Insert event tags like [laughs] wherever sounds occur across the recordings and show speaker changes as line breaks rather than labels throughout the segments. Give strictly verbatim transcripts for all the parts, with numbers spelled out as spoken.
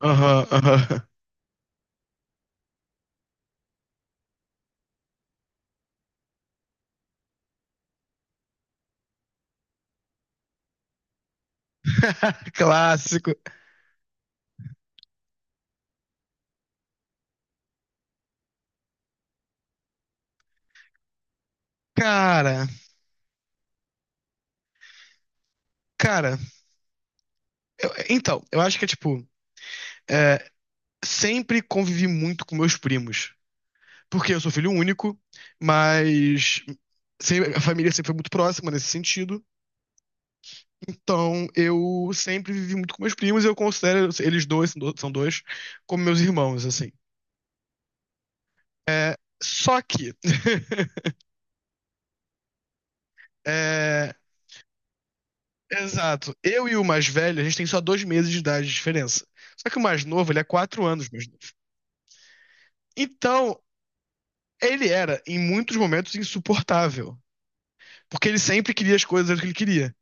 Aham, aham. [laughs] Clássico. Cara, cara, eu- então, eu acho que é tipo, é, sempre convivi muito com meus primos. Porque eu sou filho único, mas sempre- a família sempre foi muito próxima nesse sentido. Então, eu sempre vivi muito com meus primos e eu considero eles dois, são do- são dois, como meus irmãos, assim. Só que, [laughs] é, exato, eu e o mais velho, a gente tem só dois meses de idade de diferença. Só que o mais novo, ele é quatro anos mais novo. Então, ele era, em muitos momentos, insuportável. Porque ele sempre queria as coisas que ele queria.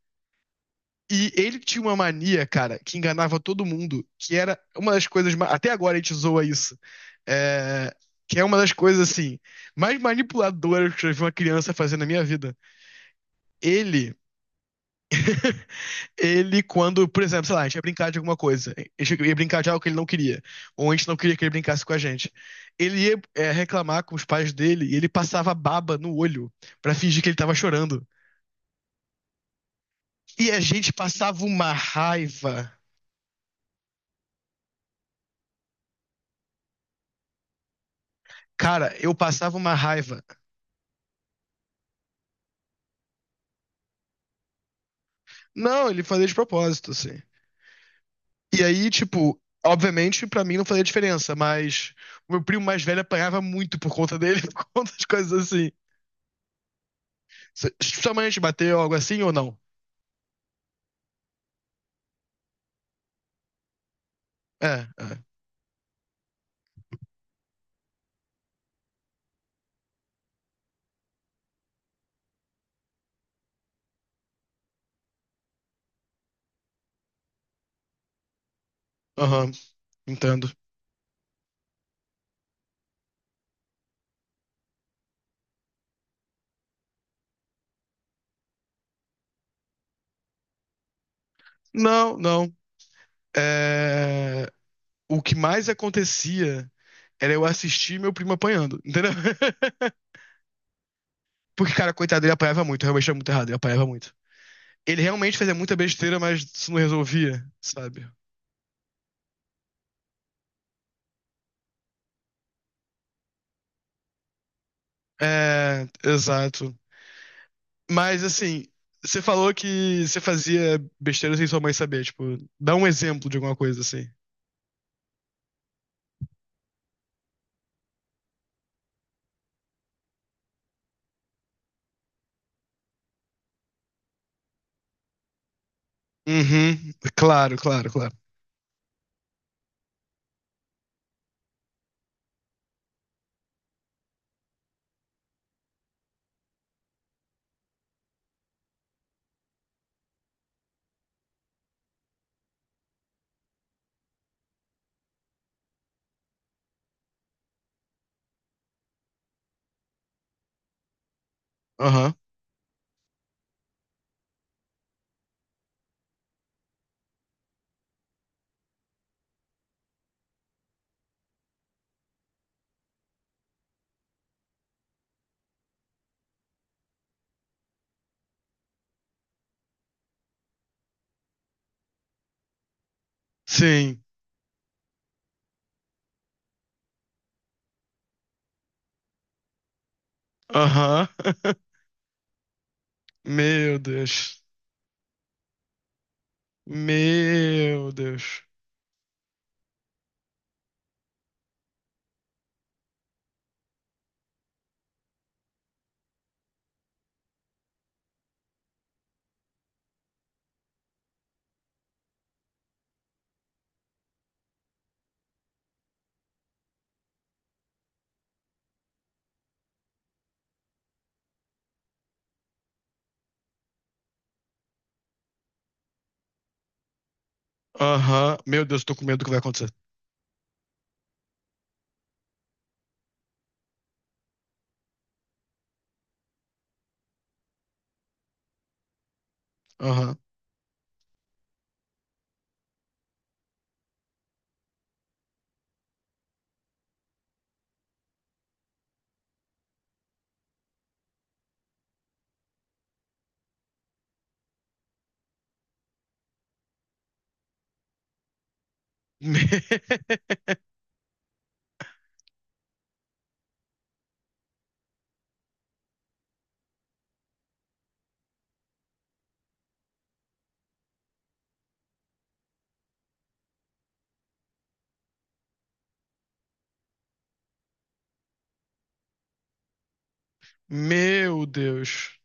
E ele tinha uma mania, cara, que enganava todo mundo, que era uma das coisas. ma- Até agora a gente zoa isso. É, que é uma das coisas, assim, mais manipuladoras que eu já vi uma criança fazer na minha vida. Ele, [laughs] ele, quando, por exemplo, sei lá, a gente ia brincar de alguma coisa, a gente ia brincar de algo que ele não queria, ou a gente não queria que ele brincasse com a gente. Ele ia, é, reclamar com os pais dele e ele passava baba no olho pra fingir que ele tava chorando. E a gente passava uma raiva. Cara, eu passava uma raiva. Não, ele fazia de propósito, assim. E aí, tipo, obviamente, pra mim não fazia diferença, mas o meu primo mais velho apanhava muito por conta dele, [laughs] por conta de coisas assim. S- Sua mãe te bateu algo assim ou não? É, é. Aham, entendo. Não, não. É... O que mais acontecia era eu assistir meu primo apanhando, entendeu? [laughs] Porque, cara, coitado, ele apanhava muito, realmente era muito errado, ele apanhava muito. Ele realmente fazia muita besteira, mas isso não resolvia, sabe? É, exato. Mas assim, você falou que você fazia besteira sem sua mãe saber, tipo, dá um exemplo de alguma coisa assim. Uhum. Claro, claro, claro. Aham. Sim. Aham. [laughs] Meu Deus. Meu Deus. Aham. Meu Deus, tô com medo do que vai acontecer. Aham. [laughs] Me- Meu Deus.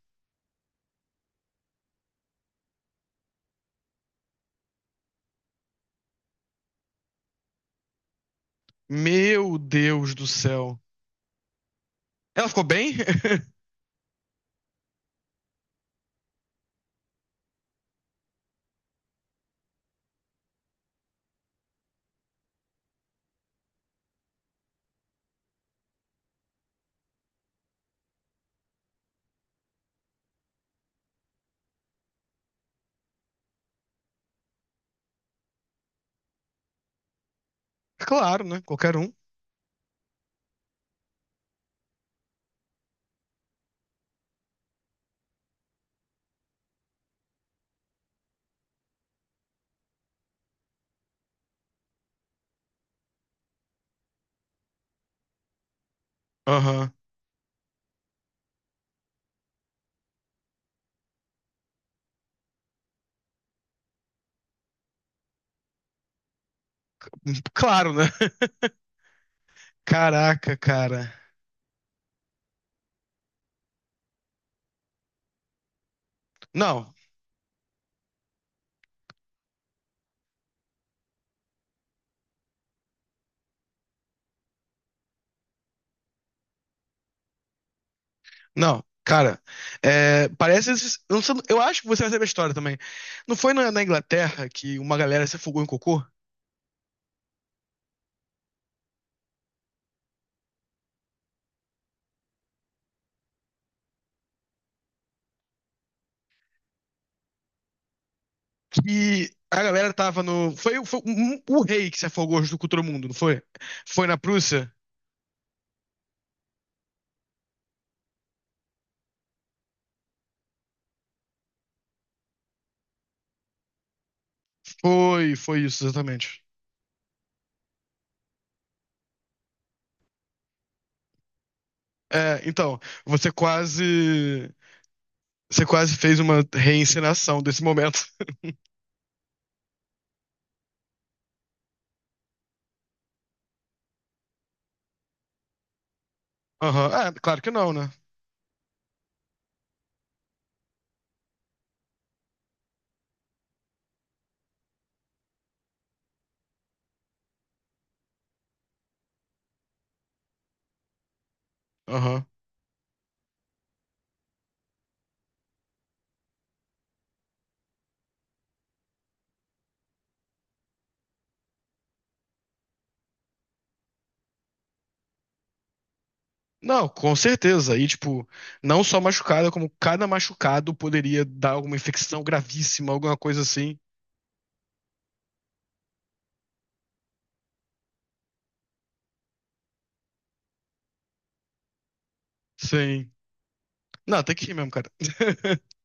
Meu Deus do céu. Ela ficou bem? [laughs] Claro, né? Qualquer um. Aham. Claro, né? [laughs] Caraca, cara. Não, não, cara. É, parece. esses- eu não sei- eu acho que você vai saber a história também. Não foi na, na Inglaterra que uma galera se afogou em cocô? Que a galera tava no. Foi, foi um- o rei que se afogou junto com todo mundo, não foi? Foi na Prússia? Foi, foi isso, exatamente. É, então, você quase. Você quase fez uma reencenação desse momento. [laughs] Aham. É, claro que não, né? Não, com certeza. E, tipo, não só machucada, como cada machucado poderia dar alguma infecção gravíssima, alguma coisa assim. Sim. Não, tem que ir mesmo, cara. [laughs]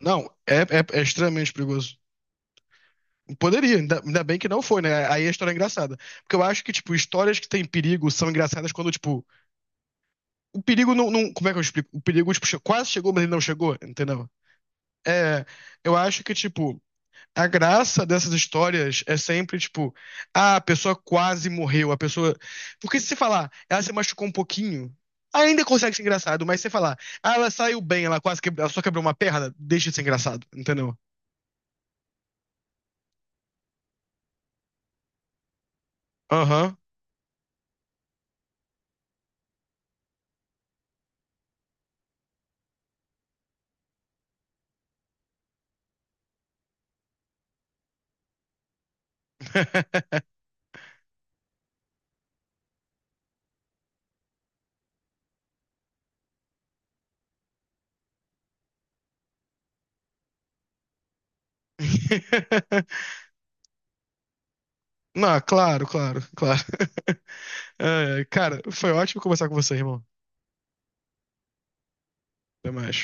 Não, é, é- é extremamente perigoso. Poderia, ainda, ainda bem que não foi, né? Aí a história é engraçada. Porque eu acho que, tipo, histórias que têm perigo são engraçadas quando, tipo, o perigo não, não- como é que eu explico? O perigo, tipo, che- quase chegou, mas ele não chegou, entendeu? É, eu acho que, tipo, a graça dessas histórias é sempre tipo, ah, a pessoa quase morreu, a pessoa. Porque se você falar, ela se machucou um pouquinho, ainda consegue ser engraçado, mas se você falar, ah, ela saiu bem, ela quase quebrou, ela só quebrou uma perna, deixa de ser engraçado, entendeu? Aham. [laughs] Não, claro, claro, claro. [laughs] É, cara, foi ótimo conversar com você, irmão. Até mais.